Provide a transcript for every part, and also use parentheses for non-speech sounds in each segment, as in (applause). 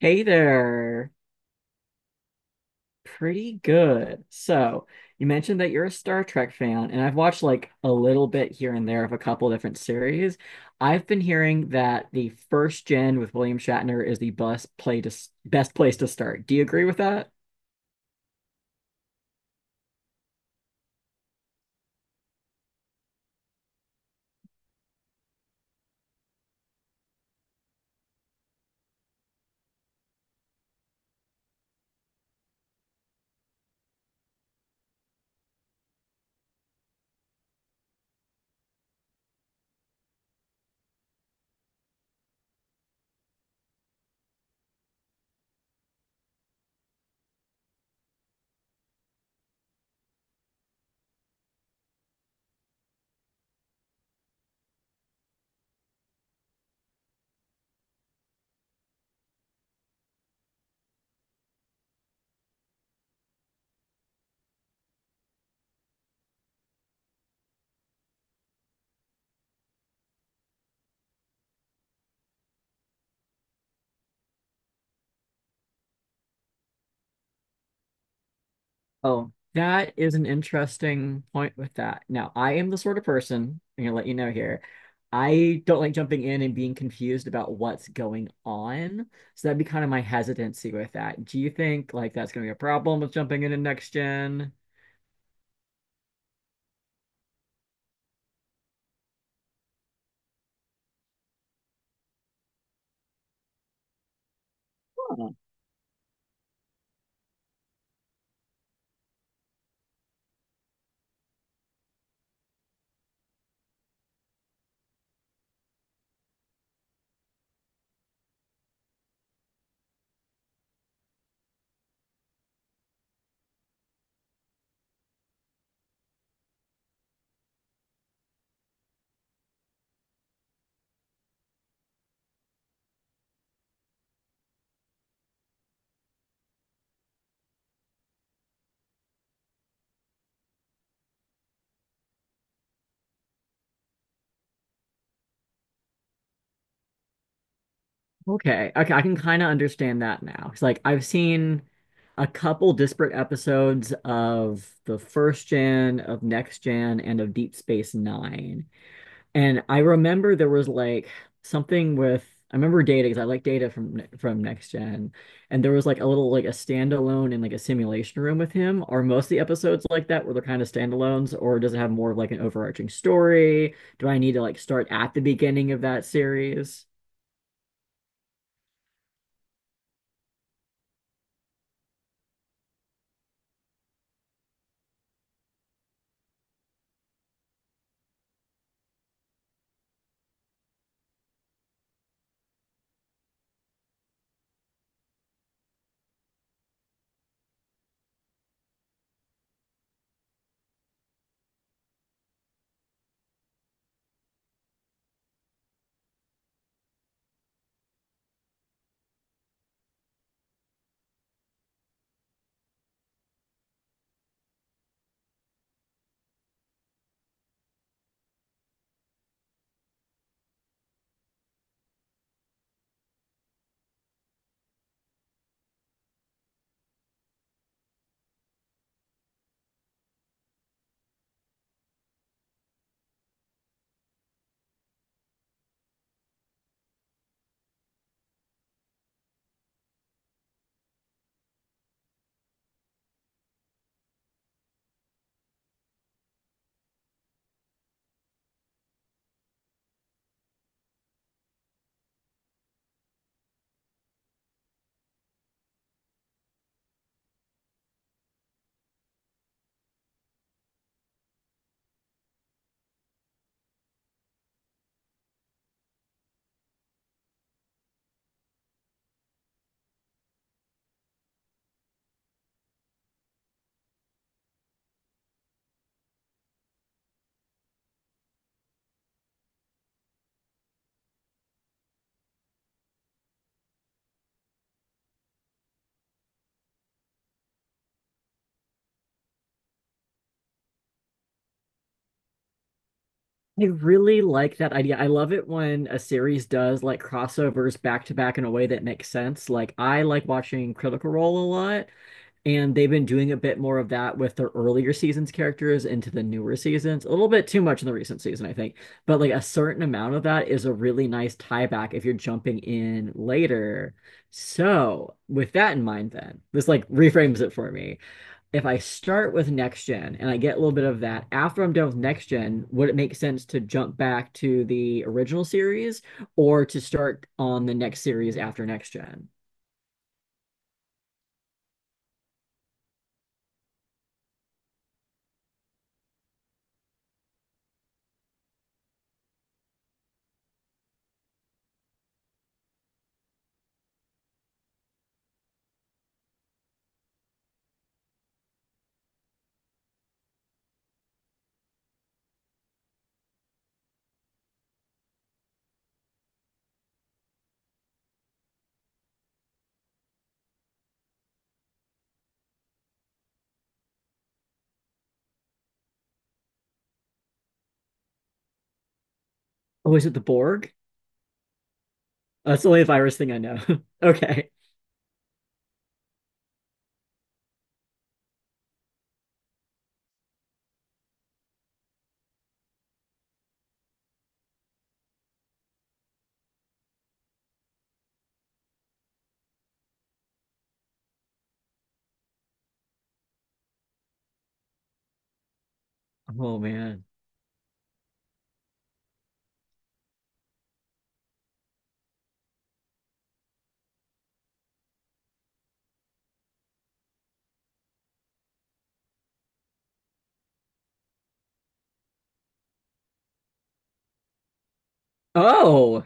Hey there. Pretty good. So, you mentioned that you're a Star Trek fan, and I've watched like a little bit here and there of a couple different series. I've been hearing that the first gen with William Shatner is the best place to start. Do you agree with that? Oh, that is an interesting point with that. Now, I am the sort of person, I'm gonna let you know here. I don't like jumping in and being confused about what's going on. So that'd be kind of my hesitancy with that. Do you think like that's gonna be a problem with jumping into next gen? Huh. Okay. Okay, I can kind of understand that now. It's like I've seen a couple disparate episodes of the first gen, of next gen, and of Deep Space Nine. And I remember there was like something with I remember Data because I like Data from Next Gen, and there was like a little like a standalone in like a simulation room with him. Are most of the episodes like that where they're kind of standalones, or does it have more of like an overarching story? Do I need to like start at the beginning of that series? I really like that idea. I love it when a series does like crossovers back to back in a way that makes sense. Like I like watching Critical Role a lot. And they've been doing a bit more of that with their earlier seasons characters into the newer seasons. A little bit too much in the recent season, I think. But like a certain amount of that is a really nice tie back if you're jumping in later. So, with that in mind, then, this like reframes it for me. If I start with next gen and I get a little bit of that, after I'm done with next gen, would it make sense to jump back to the original series or to start on the next series after next gen? Oh, is it the Borg? That's the only virus thing I know. (laughs) Okay. Oh man. Oh.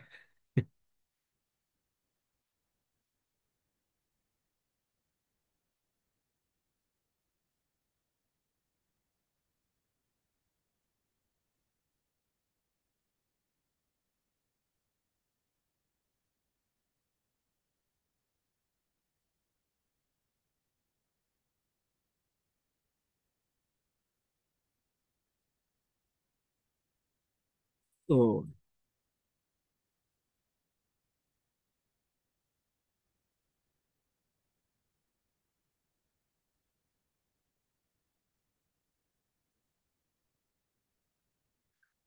Oh.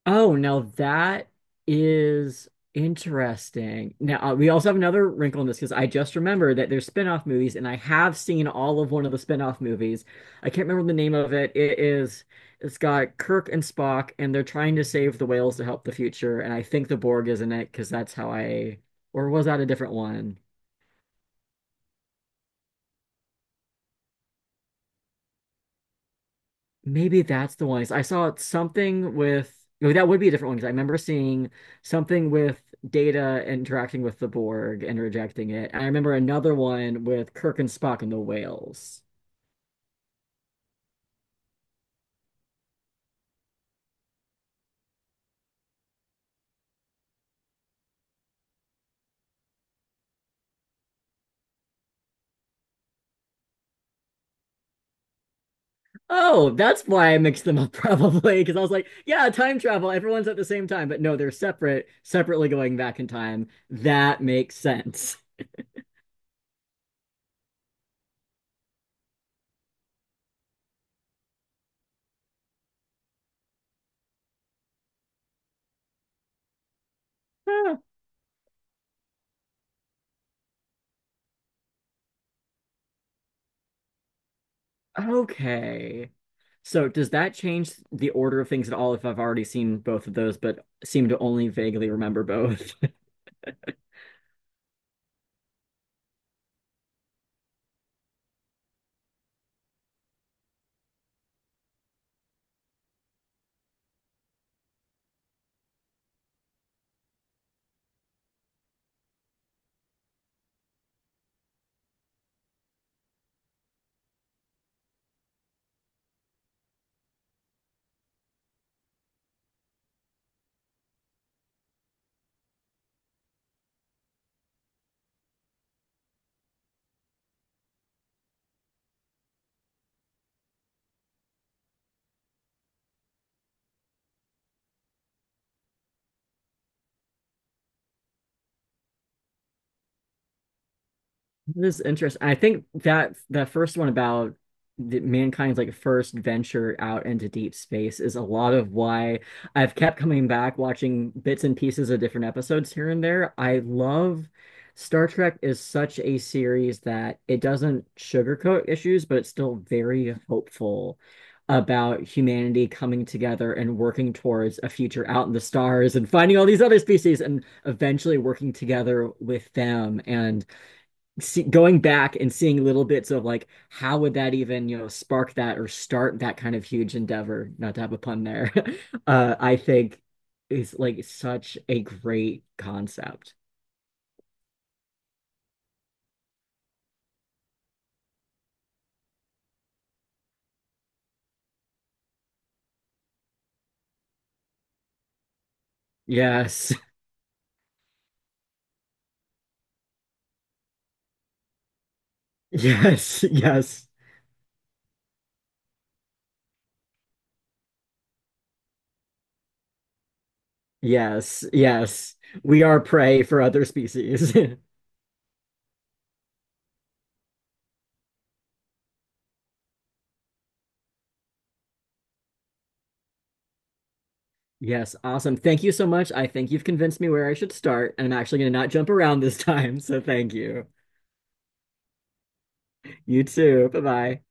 Oh, now that is interesting. Now, we also have another wrinkle in this because I just remembered that there's spin-off movies and I have seen all of one of the spin-off movies. I can't remember the name of it. It is It's got Kirk and Spock and they're trying to save the whales to help the future and I think the Borg is in it because that's how I or was that a different one? Maybe that's the one. I saw something with, no, that would be a different one because I remember seeing something with Data interacting with the Borg and rejecting it. I remember another one with Kirk and Spock and the whales. Oh, that's why I mixed them up (laughs) probably because I was like, yeah, time travel, everyone's at the same time, but no, they're separate, separately going back in time. That makes sense. (laughs) Okay. So does that change the order of things at all if I've already seen both of those, but seem to only vaguely remember both? This is interesting. I think that that first one about mankind's like first venture out into deep space is a lot of why I've kept coming back watching bits and pieces of different episodes here and there. I love Star Trek is such a series that it doesn't sugarcoat issues, but it's still very hopeful about humanity coming together and working towards a future out in the stars and finding all these other species and eventually working together with them and see, going back and seeing little bits of like how would that even spark that or start that kind of huge endeavor, not to have a pun there. (laughs) I think is like such a great concept. Yes. (laughs) Yes, yes. Yes, yes, we are prey for other species. (laughs) Yes, awesome. Thank you so much. I think you've convinced me where I should start, and I'm actually going to not jump around this (laughs) time. So thank you. You too. Bye bye.